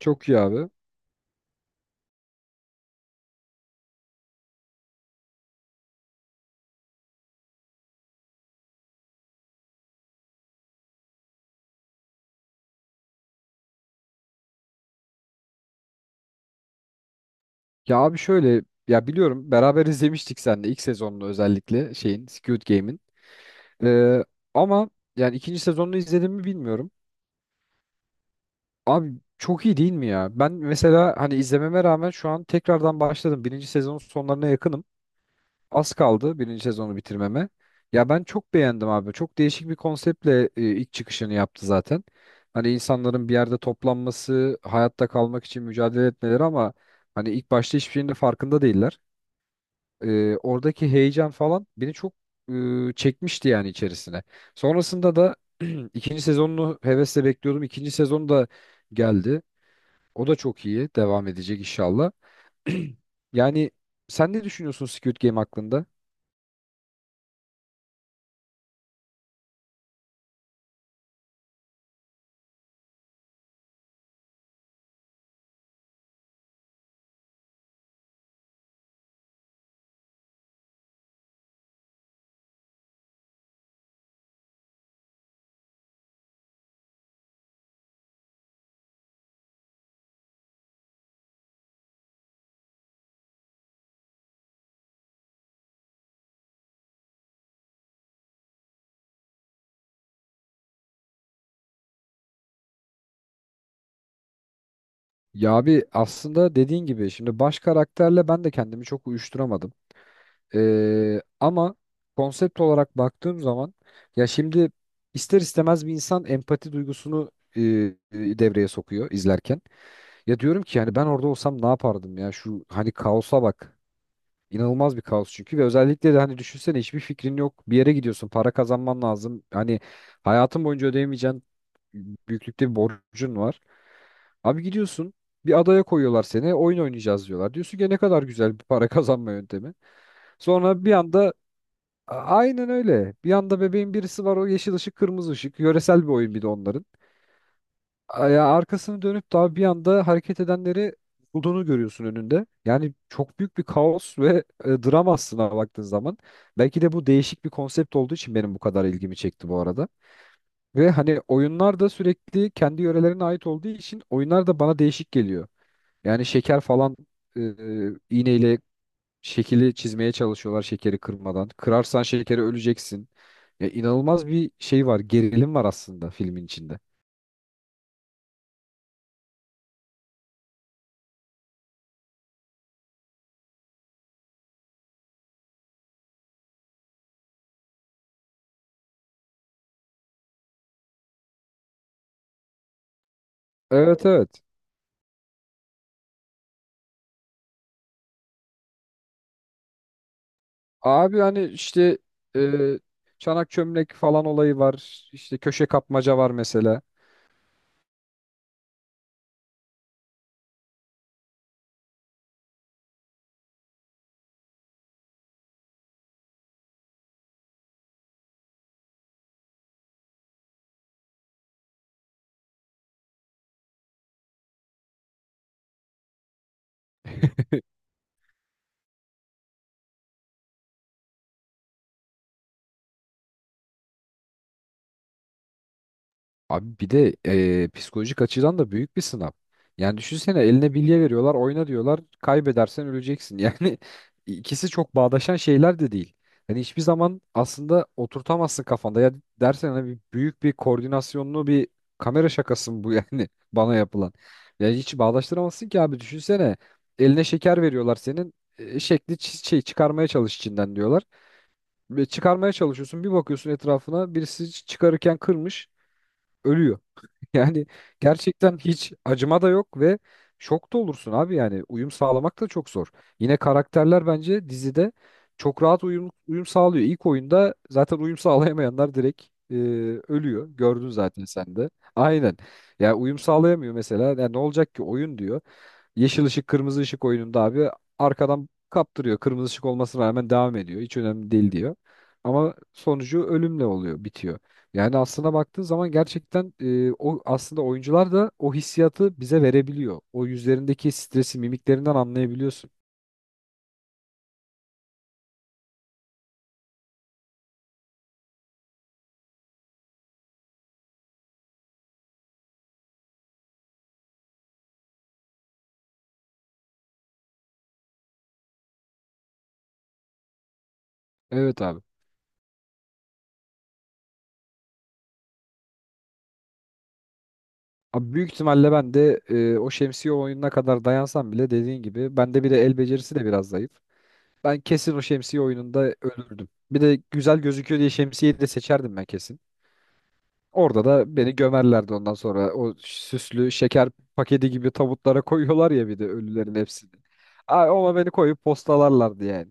Çok iyi abi. Ya abi şöyle ya biliyorum beraber izlemiştik seninle ilk sezonunu özellikle şeyin Squid Game'in. Ee, ama yani ikinci sezonunu izlediğimi bilmiyorum. Abi çok iyi değil mi ya? Ben mesela hani izlememe rağmen şu an tekrardan başladım. Birinci sezonun sonlarına yakınım. Az kaldı birinci sezonu bitirmeme. Ya ben çok beğendim abi. Çok değişik bir konseptle ilk çıkışını yaptı zaten. Hani insanların bir yerde toplanması, hayatta kalmak için mücadele etmeleri ama hani ilk başta hiçbir şeyin de farkında değiller. Oradaki heyecan falan beni çok çekmişti yani içerisine. Sonrasında da ikinci sezonunu hevesle bekliyordum. İkinci sezon da geldi. O da çok iyi. Devam edecek inşallah. Yani sen ne düşünüyorsun Squid Game hakkında? Ya abi aslında dediğin gibi şimdi baş karakterle ben de kendimi çok uyuşturamadım. Ama konsept olarak baktığım zaman ya şimdi ister istemez bir insan empati duygusunu e, e, devreye sokuyor izlerken. Ya diyorum ki yani ben orada olsam ne yapardım ya şu hani kaosa bak. İnanılmaz bir kaos çünkü ve özellikle de hani düşünsene hiçbir fikrin yok. Bir yere gidiyorsun, para kazanman lazım. Hani hayatın boyunca ödeyemeyeceğin büyüklükte bir borcun var. Abi gidiyorsun bir adaya koyuyorlar seni oyun oynayacağız diyorlar. Diyorsun ki ne kadar güzel bir para kazanma yöntemi. Sonra bir anda aynen öyle. Bir anda bebeğin birisi var o yeşil ışık kırmızı ışık. Yöresel bir oyun bir de onların ya arkasını dönüp daha bir anda hareket edenleri bulduğunu görüyorsun önünde. Yani çok büyük bir kaos ve dram aslında baktığın zaman. Belki de bu değişik bir konsept olduğu için benim bu kadar ilgimi çekti bu arada. Ve hani oyunlar da sürekli kendi yörelerine ait olduğu için oyunlar da bana değişik geliyor. Yani şeker falan iğneyle şekili çizmeye çalışıyorlar şekeri kırmadan. Kırarsan şekeri öleceksin. Ya inanılmaz bir şey var, gerilim var aslında filmin içinde. Evet evet. Abi hani işte e, çanak çömlek falan olayı var. İşte köşe kapmaca var mesela. Abi bir de psikolojik açıdan da büyük bir sınav. Yani düşünsene eline bilye veriyorlar, oyna diyorlar. Kaybedersen öleceksin. Yani ikisi çok bağdaşan şeyler de değil. Hani hiçbir zaman aslında oturtamazsın kafanda. Ya dersen hani büyük bir koordinasyonlu bir kamera şakası mı bu yani bana yapılan. Yani hiç bağdaştıramazsın ki abi düşünsene. Eline şeker veriyorlar senin. Şekli şey çıkarmaya çalış içinden diyorlar. Ve çıkarmaya çalışıyorsun. Bir bakıyorsun etrafına birisi çıkarırken kırmış, ölüyor. Yani gerçekten hiç acıma da yok ve şok da olursun abi yani uyum sağlamak da çok zor. Yine karakterler bence dizide çok rahat uyum sağlıyor. İlk oyunda zaten uyum sağlayamayanlar direkt e, ölüyor. Gördün zaten sen de. Aynen. Ya uyum sağlayamıyor mesela. Ya ne olacak ki oyun diyor. Yeşil ışık kırmızı ışık oyununda abi arkadan kaptırıyor. Kırmızı ışık olmasına rağmen devam ediyor. Hiç önemli değil diyor. Ama sonucu ölümle oluyor, bitiyor. Yani aslına baktığın zaman gerçekten o aslında oyuncular da o hissiyatı bize verebiliyor. O yüzlerindeki stresi mimiklerinden anlayabiliyorsun. Evet abi. Abi büyük ihtimalle ben de o şemsiye oyununa kadar dayansam bile dediğin gibi bende bir de el becerisi de biraz zayıf. Ben kesin o şemsiye oyununda ölürdüm. Bir de güzel gözüküyor diye şemsiyeyi de seçerdim ben kesin. Orada da beni gömerlerdi ondan sonra. O süslü şeker paketi gibi tabutlara koyuyorlar ya bir de ölülerin hepsini. Ay, ona beni koyup postalarlardı yani.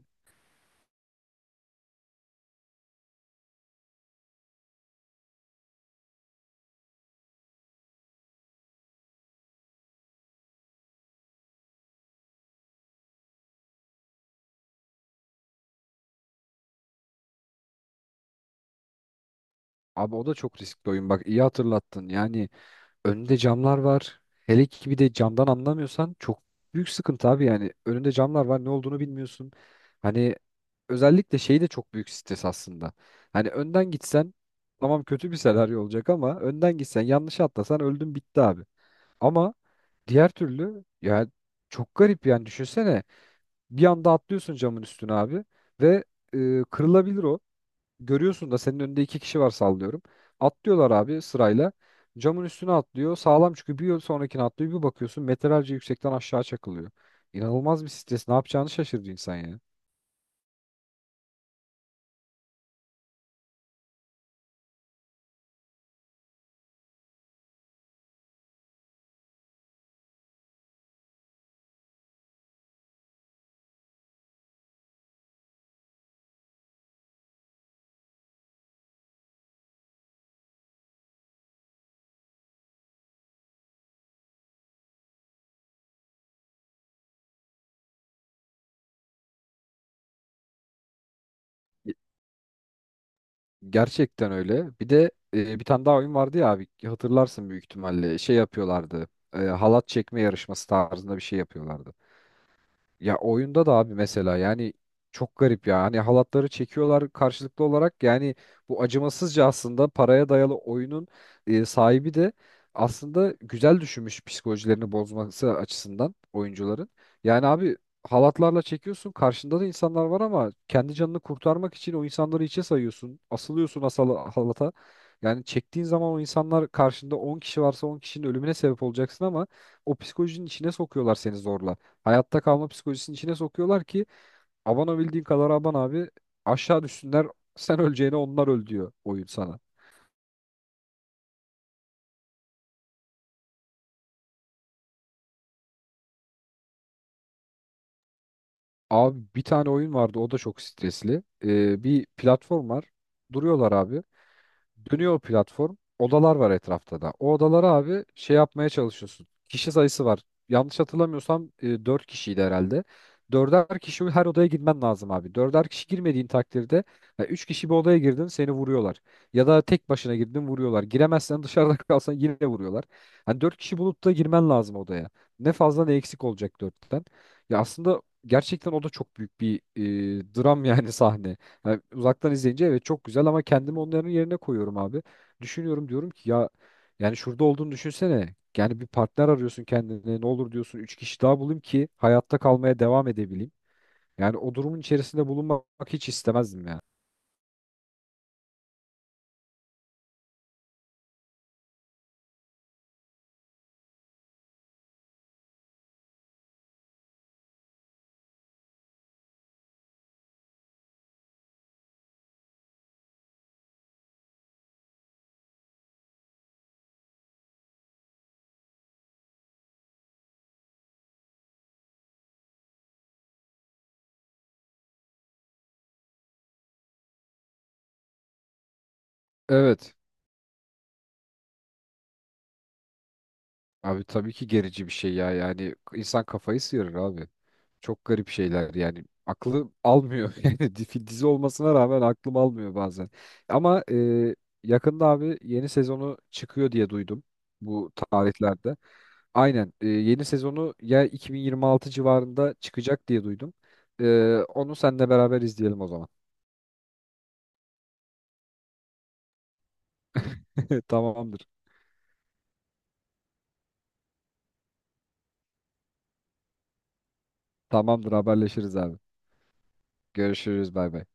Abi o da çok riskli oyun bak iyi hatırlattın. Yani önünde camlar var. Hele ki bir de camdan anlamıyorsan çok büyük sıkıntı abi yani. Önünde camlar var ne olduğunu bilmiyorsun. Hani özellikle şey de çok büyük stres aslında. Hani önden gitsen tamam kötü bir senaryo olacak ama önden gitsen yanlış atlasan öldün bitti abi. Ama diğer türlü ya çok garip yani düşünsene bir anda atlıyorsun camın üstüne abi ve kırılabilir o. Görüyorsun da senin önünde iki kişi var sallıyorum. Atlıyorlar abi sırayla. Camın üstüne atlıyor. Sağlam çünkü bir yol sonrakine atlıyor. Bir bakıyorsun metrelerce yüksekten aşağı çakılıyor. İnanılmaz bir stres. Ne yapacağını şaşırdı insan ya. Ge- Gerçekten öyle. Bir de bir tane daha oyun vardı ya abi hatırlarsın büyük ihtimalle. Şey yapıyorlardı. Halat çekme yarışması tarzında bir şey yapıyorlardı. Ya oyunda da abi mesela yani çok garip ya. Hani halatları çekiyorlar karşılıklı olarak. Yani bu acımasızca aslında paraya dayalı oyunun sahibi de aslında güzel düşünmüş psikolojilerini bozması açısından oyuncuların. Yani abi halatlarla çekiyorsun karşında da insanlar var ama kendi canını kurtarmak için o insanları içe sayıyorsun. Asılıyorsun asal halata. Yani çektiğin zaman o insanlar karşında 10 kişi varsa 10 kişinin ölümüne sebep olacaksın ama o psikolojinin içine sokuyorlar seni zorla. Hayatta kalma psikolojisinin içine sokuyorlar ki aban o bildiğin kadar aban abi aşağı düşsünler sen öleceğine onlar öl diyor oyun sana. Abi bir tane oyun vardı o da çok stresli. Bir platform var duruyorlar abi. Dönüyor o platform. Odalar var etrafta da. O odalara abi şey yapmaya çalışıyorsun. Kişi sayısı var. Yanlış hatırlamıyorsam 4 kişiydi herhalde. Dörder kişi her odaya girmen lazım abi. Dörder kişi girmediğin takdirde ya üç kişi bir odaya girdin seni vuruyorlar. Ya da tek başına girdin vuruyorlar. Giremezsen dışarıda kalsan yine vuruyorlar. Hani dört kişi bulup da girmen lazım odaya. Ne fazla ne eksik olacak dörtten. Ya aslında gerçekten o da çok büyük bir dram yani sahne. Yani uzaktan izleyince evet çok güzel ama kendimi onların yerine koyuyorum abi. Düşünüyorum diyorum ki ya yani şurada olduğunu düşünsene. Yani bir partner arıyorsun kendine ne olur diyorsun 3 kişi daha bulayım ki hayatta kalmaya devam edebileyim. Yani o durumun içerisinde bulunmak hiç istemezdim yani. Evet. Abi tabii ki gerici bir şey ya. Yani insan kafayı sıyırır abi. Çok garip şeyler yani. Aklı almıyor. Yani dizi dizi olmasına rağmen aklım almıyor bazen. Ama yakında abi yeni sezonu çıkıyor diye duydum bu tarihlerde. Aynen yeni sezonu ya 2026 civarında çıkacak diye duydum. Onu seninle beraber izleyelim o zaman. Tamamdır. Tamamdır haberleşiriz abi. Görüşürüz bay bay.